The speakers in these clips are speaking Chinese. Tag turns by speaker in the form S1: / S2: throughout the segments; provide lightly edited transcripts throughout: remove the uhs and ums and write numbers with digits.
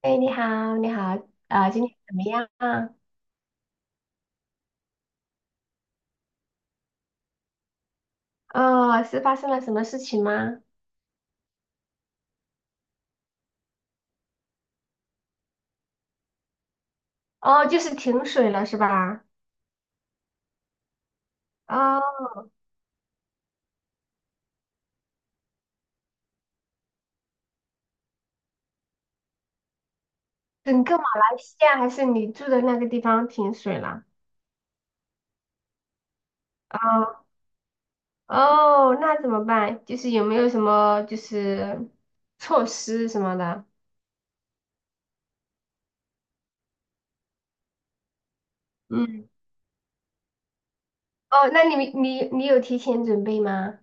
S1: 哎，你好，你好，今天怎么样啊？哦，是发生了什么事情吗？哦，就是停水了是吧？哦，整个马来西亚还是你住的那个地方停水了？哦，哦，那怎么办？就是有没有什么就是措施什么的？嗯，哦，那你们你有提前准备吗？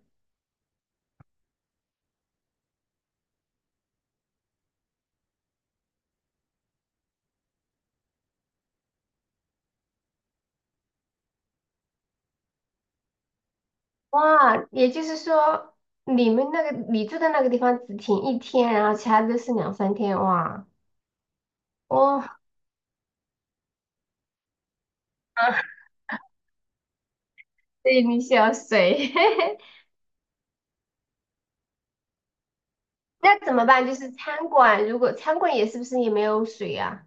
S1: 哇，也就是说你住的那个地方只停一天，然后其他都是两三天，哇，哇。对，你需要水。那怎么办？就是餐馆，如果餐馆也是不是也没有水啊？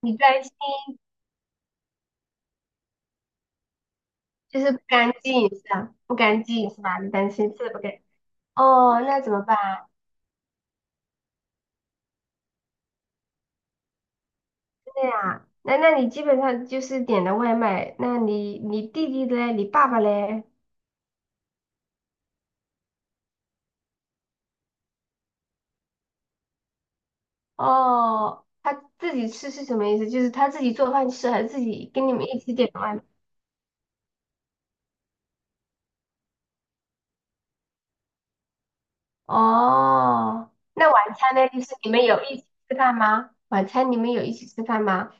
S1: 你担心就是不干净是吧？不干净是吧？你担心吃的不干净。哦，那怎么办？对呀，那你基本上就是点的外卖，那你弟弟嘞，你爸爸嘞？哦，他自己吃是什么意思？就是他自己做饭吃，还是自己跟你们一起点的外卖？哦，那晚餐呢？就是你们有一起吃饭吗？晚餐你们有一起吃饭吗？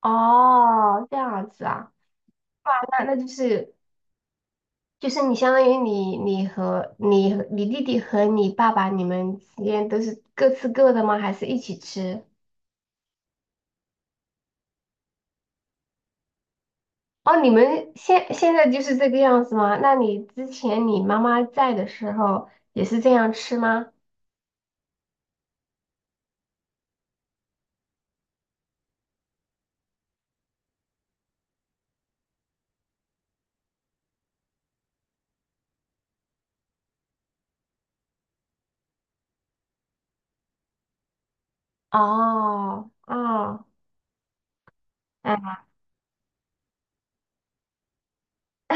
S1: 哦，这样子啊，哇，那那就是就是你相当于你和你弟弟和你爸爸你们之间都是各吃各的吗？还是一起吃？哦，你们现在就是这个样子吗？那你之前你妈妈在的时候也是这样吃吗？哦哦，哎。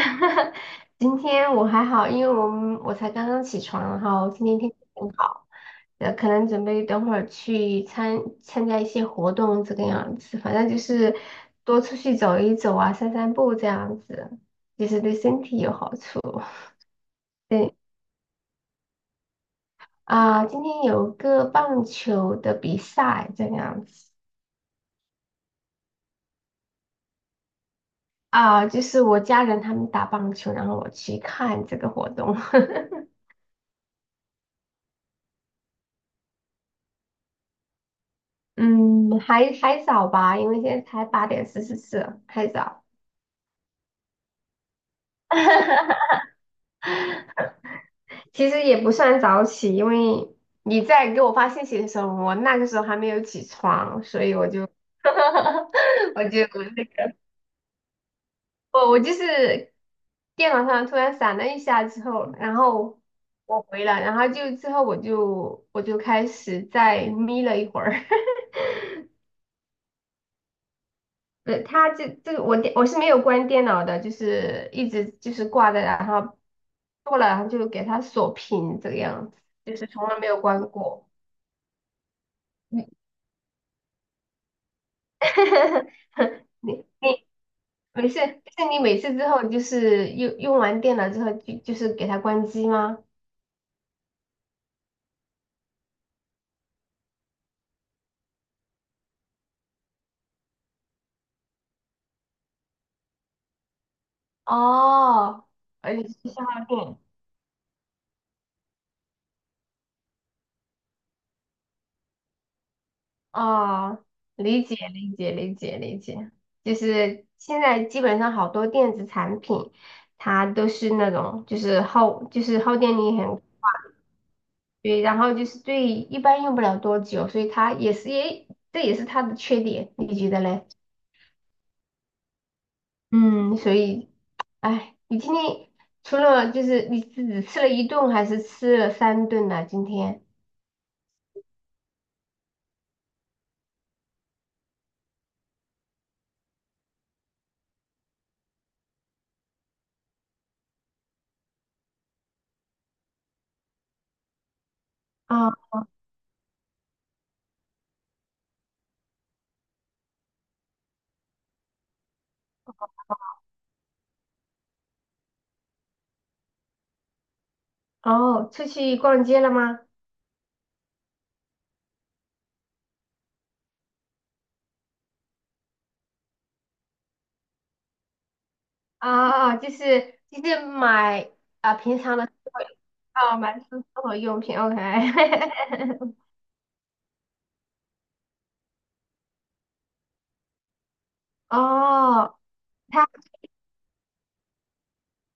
S1: 今天我还好，因为我才刚刚起床，然后今天天气很好，可能准备等会儿去参加一些活动这个样子，反正就是多出去走一走啊，散散步这样子，其实对身体有好处。对啊，今天有个棒球的比赛这个样子啊，就是我家人他们打棒球，然后我去看这个活动。嗯，还早吧，因为现在才8:44，还早。其实也不算早起，因为你在给我发信息的时候，我那个时候还没有起床，所以我就，我就那个，我就是电脑上突然闪了一下之后，然后我回了，然后就之后我就开始再眯了一会儿。它这个我是没有关电脑的，就是一直就是挂着，然后过了，然后就给它锁屏这个样子，就是从来没有关过。你 你你没事，就是你每次之后就是用完电脑之后就是给它关机吗？哦，而且是消耗电。哦，理解理解理解理解，就是现在基本上好多电子产品，它都是那种就是耗电力很，对，然后就是对一般用不了多久，所以它也是也是它的缺点，你觉得嘞？嗯，所以哎，你今天除了就是你是只吃了一顿还是吃了三顿呢？今天啊，哦，出去逛街了吗？啊，就是买。啊，平常的哦，买生活用品，OK。哦，他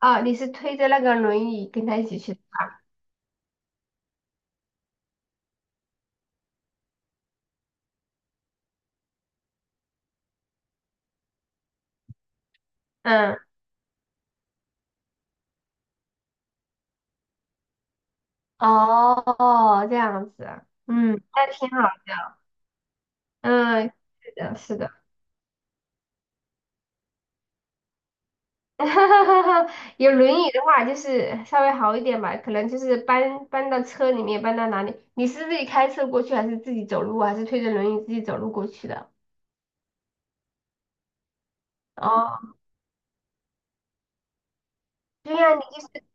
S1: 哦，你是推着那个轮椅跟他一起去的，嗯，哦，这样子啊，嗯，那挺好的，嗯，是的，是的，有轮椅的话就是稍微好一点吧，可能就是搬到车里面，搬到哪里？你是自己开车过去，还是自己走路啊，还是推着轮椅自己走路过去的？哦，对呀，你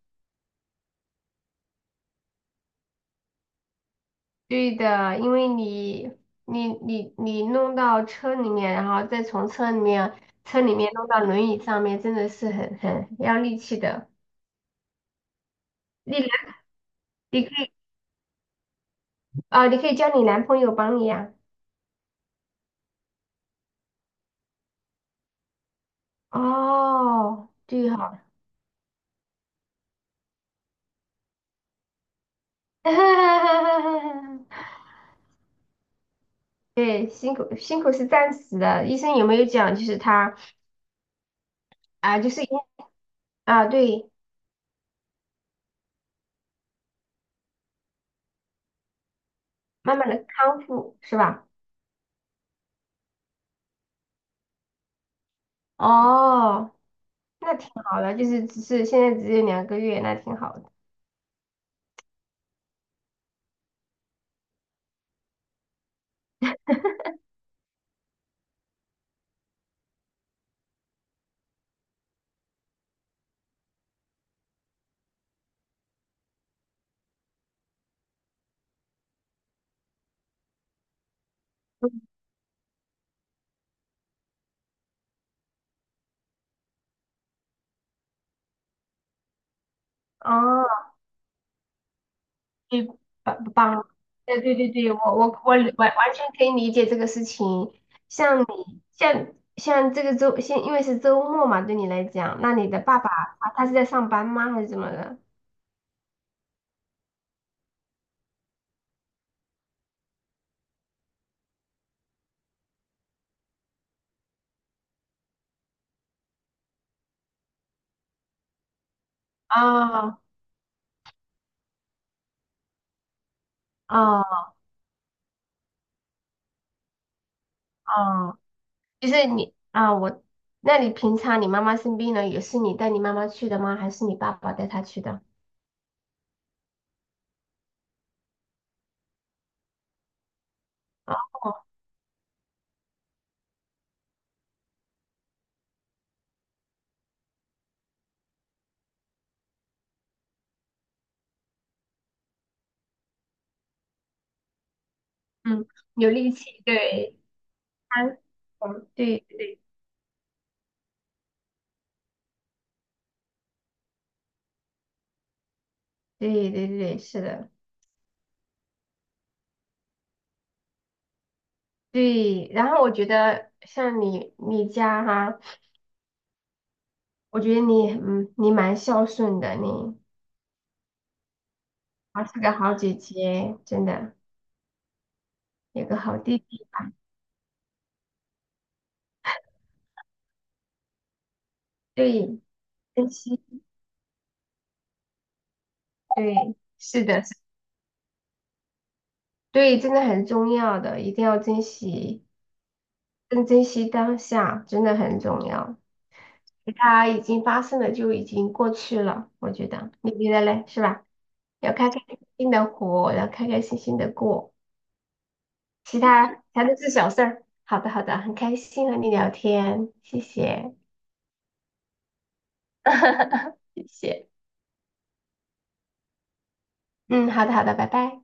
S1: 对的，因为你你弄到车里面，然后再从车里面弄到轮椅上面，真的是很要力气的。你男你可以你可以叫你男朋友帮你呀、哦，对哈、对，辛苦辛苦是暂时的。医生有没有讲，就是他啊、就是因对，慢慢的康复是吧？哦，那挺好的，就是只是现在只有2个月，那挺好的。哦。对，帮帮，对，我我完完全可以理解这个事情。像这个周，因为是周末嘛，对你来讲，那你的爸爸啊，他是在上班吗，还是怎么的？哦哦哦，就是你啊，我，那你平常你妈妈生病了，也是你带你妈妈去的吗？还是你爸爸带她去的？哦，嗯，有力气，对，他，嗯，对，是的。对，然后我觉得像你你家哈，我觉得你你蛮孝顺的，你还是个好姐姐，真的有个好弟弟，对，珍惜，对，是的，是对，真的很重要的，一定要珍惜，更珍惜当下，真的很重要。它已经发生了，就已经过去了，我觉得，你觉得嘞，是吧？要开开心心的活，要开开心心的过。其他全都是小事儿。好的，好的，很开心和你聊天，谢谢，谢谢。嗯，好的，好的，拜拜。